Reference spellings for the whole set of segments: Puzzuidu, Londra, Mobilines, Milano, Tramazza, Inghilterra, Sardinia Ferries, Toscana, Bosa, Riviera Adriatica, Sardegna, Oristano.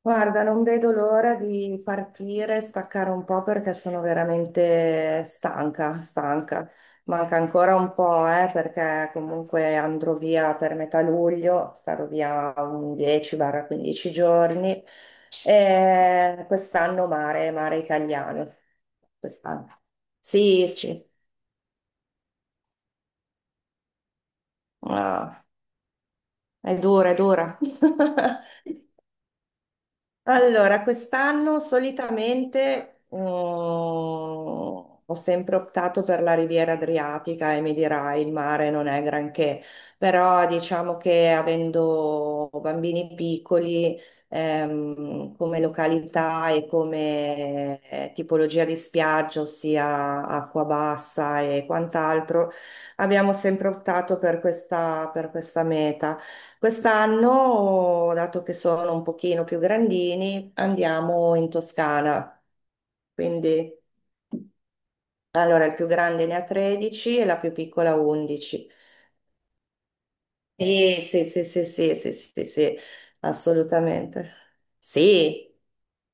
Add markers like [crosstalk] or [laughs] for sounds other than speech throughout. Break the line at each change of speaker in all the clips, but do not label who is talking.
Guarda, non vedo l'ora di partire, staccare un po' perché sono veramente stanca, stanca. Manca ancora un po', perché comunque andrò via per metà luglio, starò via un 10-15 giorni. E quest'anno mare, mare italiano. Quest'anno. Sì, sì. Ah, è dura, è dura. [laughs] Allora, quest'anno solitamente ho sempre optato per la Riviera Adriatica e mi dirai il mare non è granché, però diciamo che avendo bambini piccoli, come località e come tipologia di spiaggia, ossia acqua bassa e quant'altro, abbiamo sempre optato per questa meta. Quest'anno, dato che sono un pochino più grandini, andiamo in Toscana. Quindi, allora, il più grande ne ha 13 e la più piccola 11. Sì, sì, sì, sì, sì, sì, sì, sì, assolutamente. Sì.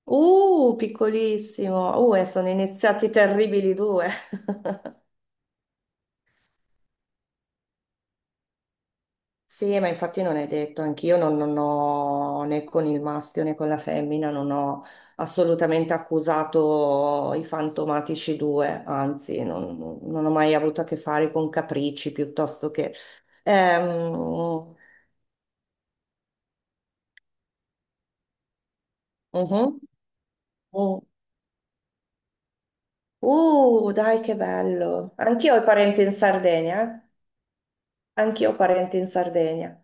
Piccolissimo. E sono iniziati i terribili due. [laughs] Sì, ma infatti non è detto, anch'io non ho né con il maschio né con la femmina, non ho assolutamente accusato i fantomatici due, anzi non ho mai avuto a che fare con capricci piuttosto che... Ehm, mhm, mm. Dai che bello! Anch'io ho parenti in Sardegna, eh? Anch'io ho parenti in Sardegna,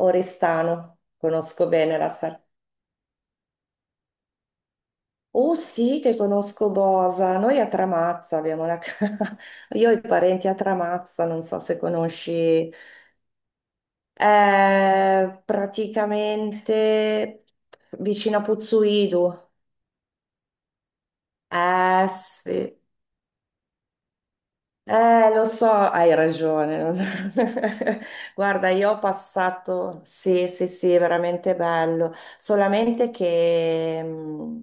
Oristano, conosco bene la Sardegna. Oh sì, che conosco Bosa. Noi a Tramazza abbiamo la casa. [laughs] Io ho i parenti a Tramazza, non so se conosci. È praticamente vicino a Puzzuidu. Eh sì. Lo so, hai ragione. [laughs] Guarda, io ho passato, sì, sì, sì, è veramente bello, solamente che,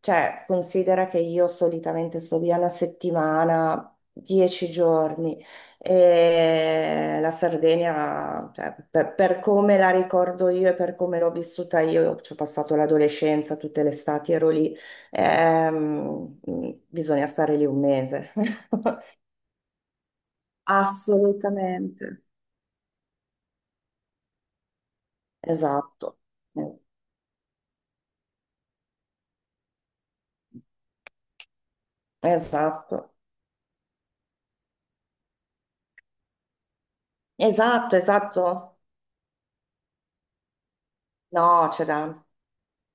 cioè, considera che io solitamente sto via una settimana, dieci giorni, e la Sardegna, cioè, per come la ricordo io e per come l'ho vissuta io, ci ho passato l'adolescenza, tutte le estati ero lì, ehm, bisogna stare lì un mese. [laughs] Assolutamente. Esatto, eh, esatto, esatto, esatto. No, c'è da...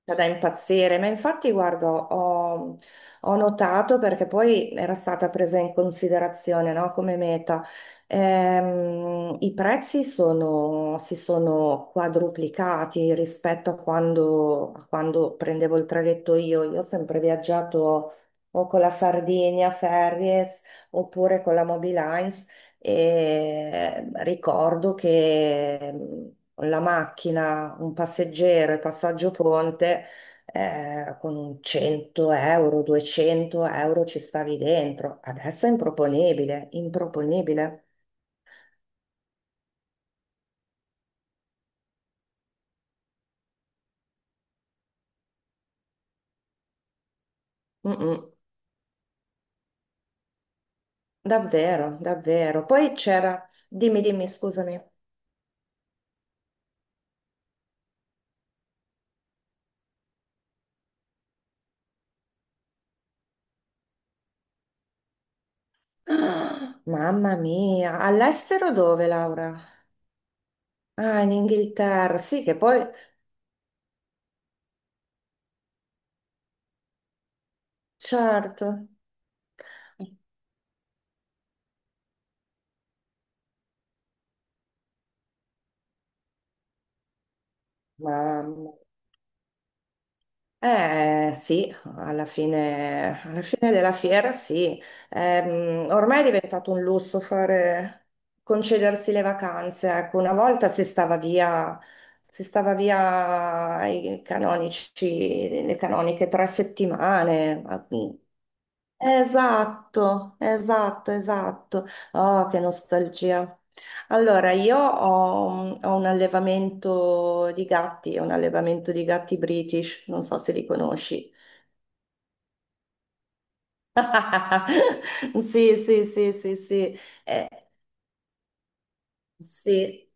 Cioè, da impazzire, ma infatti, guardo, ho, ho notato perché poi era stata presa in considerazione, no, come meta. I prezzi sono, si sono quadruplicati rispetto a a quando prendevo il traghetto io. Io ho sempre viaggiato o con la Sardinia Ferries oppure con la Mobilines e ricordo che la macchina, un passeggero e passaggio ponte, con un 100 euro, 200 euro ci stavi dentro. Adesso è improponibile, improponibile. Mm-mm. Davvero, davvero. Poi c'era, dimmi, dimmi, scusami. [gasps] Ah, mamma mia, all'estero dove, Laura? Ah, in Inghilterra, sì, che poi, certo. Mamma. Eh sì, alla fine della fiera sì. Ormai è diventato un lusso fare, concedersi le vacanze. Ecco, una volta si stava via i canonici, le canoniche tre settimane. Esatto, esatto, esatto. Oh, che nostalgia. Allora, io ho, ho un allevamento di gatti, un allevamento di gatti British, non so se li conosci. [laughs] Sì, sì, sì, sì, sì. Eh, sì.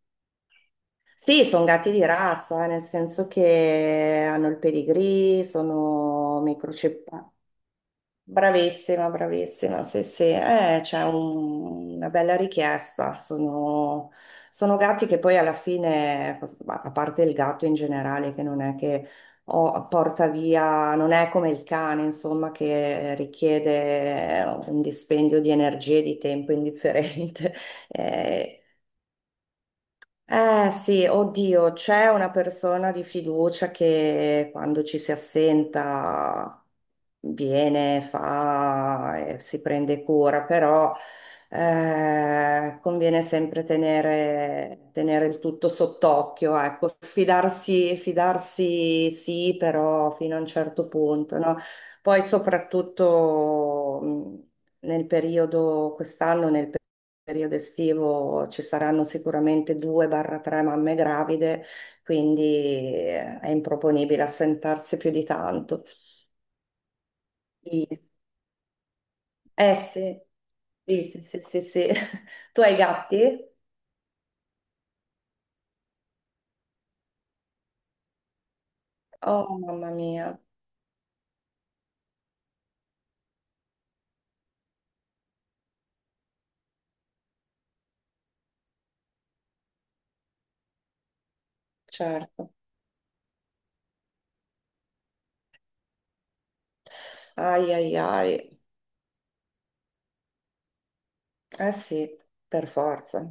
Sì, sono gatti di razza, nel senso che hanno il pedigree, sono microceppati. Bravissima, bravissima, sì, sì, c'è un- una bella richiesta. Sono, sono gatti che poi alla fine, a parte il gatto in generale, che non è che oh, porta via, non è come il cane, insomma, che richiede un dispendio di energie e di tempo indifferente. [laughs] Eh, eh sì, oddio, c'è una persona di fiducia che quando ci si assenta viene, fa e si prende cura, però conviene sempre tenere, tenere il tutto sott'occhio, ecco, fidarsi, fidarsi sì, però fino a un certo punto, no? Poi soprattutto nel periodo, quest'anno, nel periodo estivo ci saranno sicuramente due barra tre mamme gravide, quindi è improponibile assentarsi più di tanto. Sì. Eh sì, sì, sì, sì, sì, sì. [laughs] Tu hai gatti? Oh mamma mia, certo. Ai ai ai. Eh sì, per forza.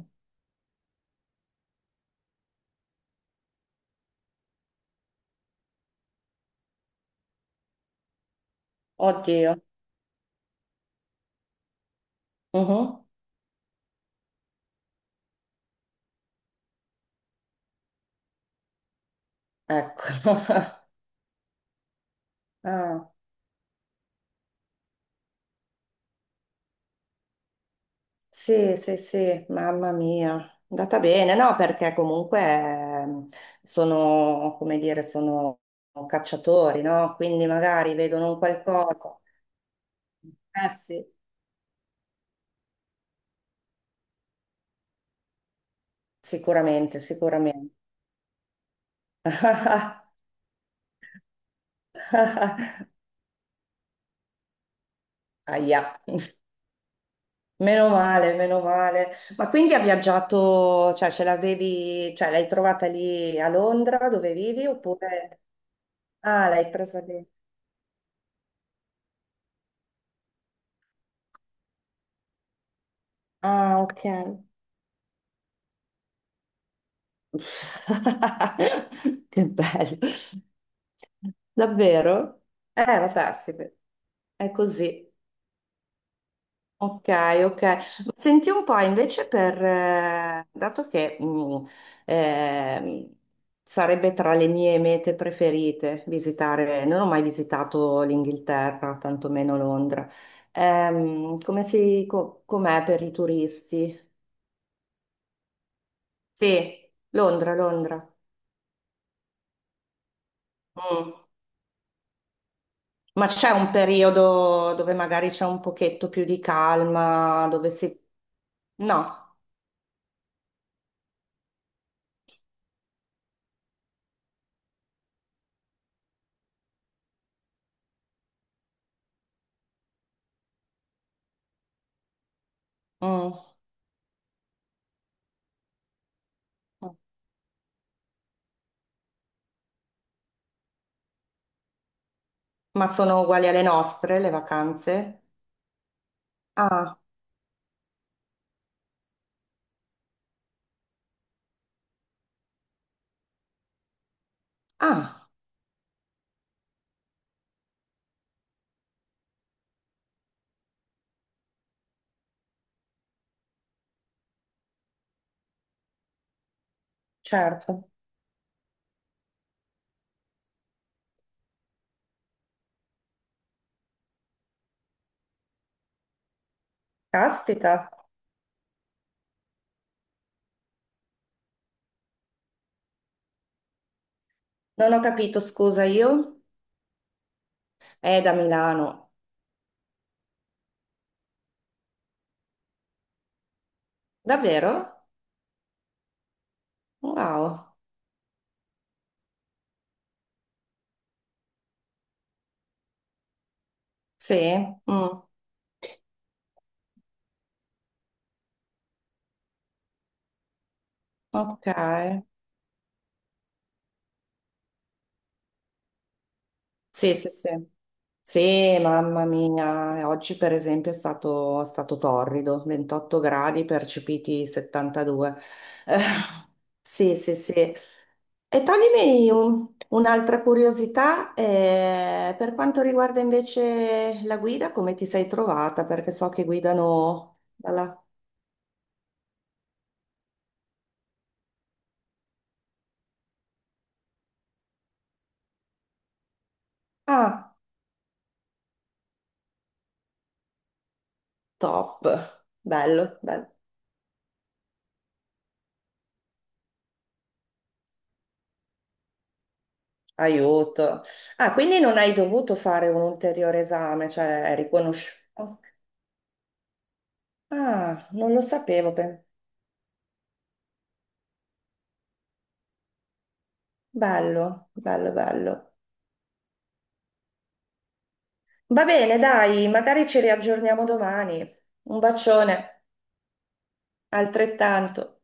Oddio. Mhm. Ecco. [laughs] Ah. Sì, sì, sì, mamma mia, è andata bene, no, perché comunque sono, come dire, sono cacciatori, no? Quindi magari vedono un qualcosa. Eh sì, sicuramente, sicuramente. [laughs] Ahia. Meno male, meno male. Ma quindi ha viaggiato, cioè ce l'avevi, cioè l'hai trovata lì a Londra dove vivi oppure... Ah, l'hai presa lì. Ah, ok. [laughs] Che bello, davvero? Vabbè, sì, beh, è così. Ok, ok. Ma senti un po' invece per, dato che ehm, sarebbe tra le mie mete preferite visitare, non ho mai visitato l'Inghilterra, tantomeno Londra. Come si, com'è per i turisti? Sì, Londra, Londra. Mm. Ma c'è un periodo dove magari c'è un pochetto più di calma, dove si... No, mm. Ma sono uguali alle nostre le vacanze? Ah, ah, certo. Caspita, non ho capito, scusa, io? È da Milano. Davvero? Wow. Sì, mm. Ok. Sì, sì, sì. Sì, mamma mia, oggi per esempio è stato torrido, 28 gradi percepiti 72. Eh, [laughs] sì, sì, sì. E toglimi un'altra curiosità, per quanto riguarda invece la guida, come ti sei trovata? Perché so che guidano dalla... Ah, top, bello, bello. Aiuto. Ah, quindi non hai dovuto fare un ulteriore esame, cioè è riconosciuto. Ah, non lo sapevo. Bello, bello, bello. Va bene, dai, magari ci riaggiorniamo domani. Un bacione, altrettanto.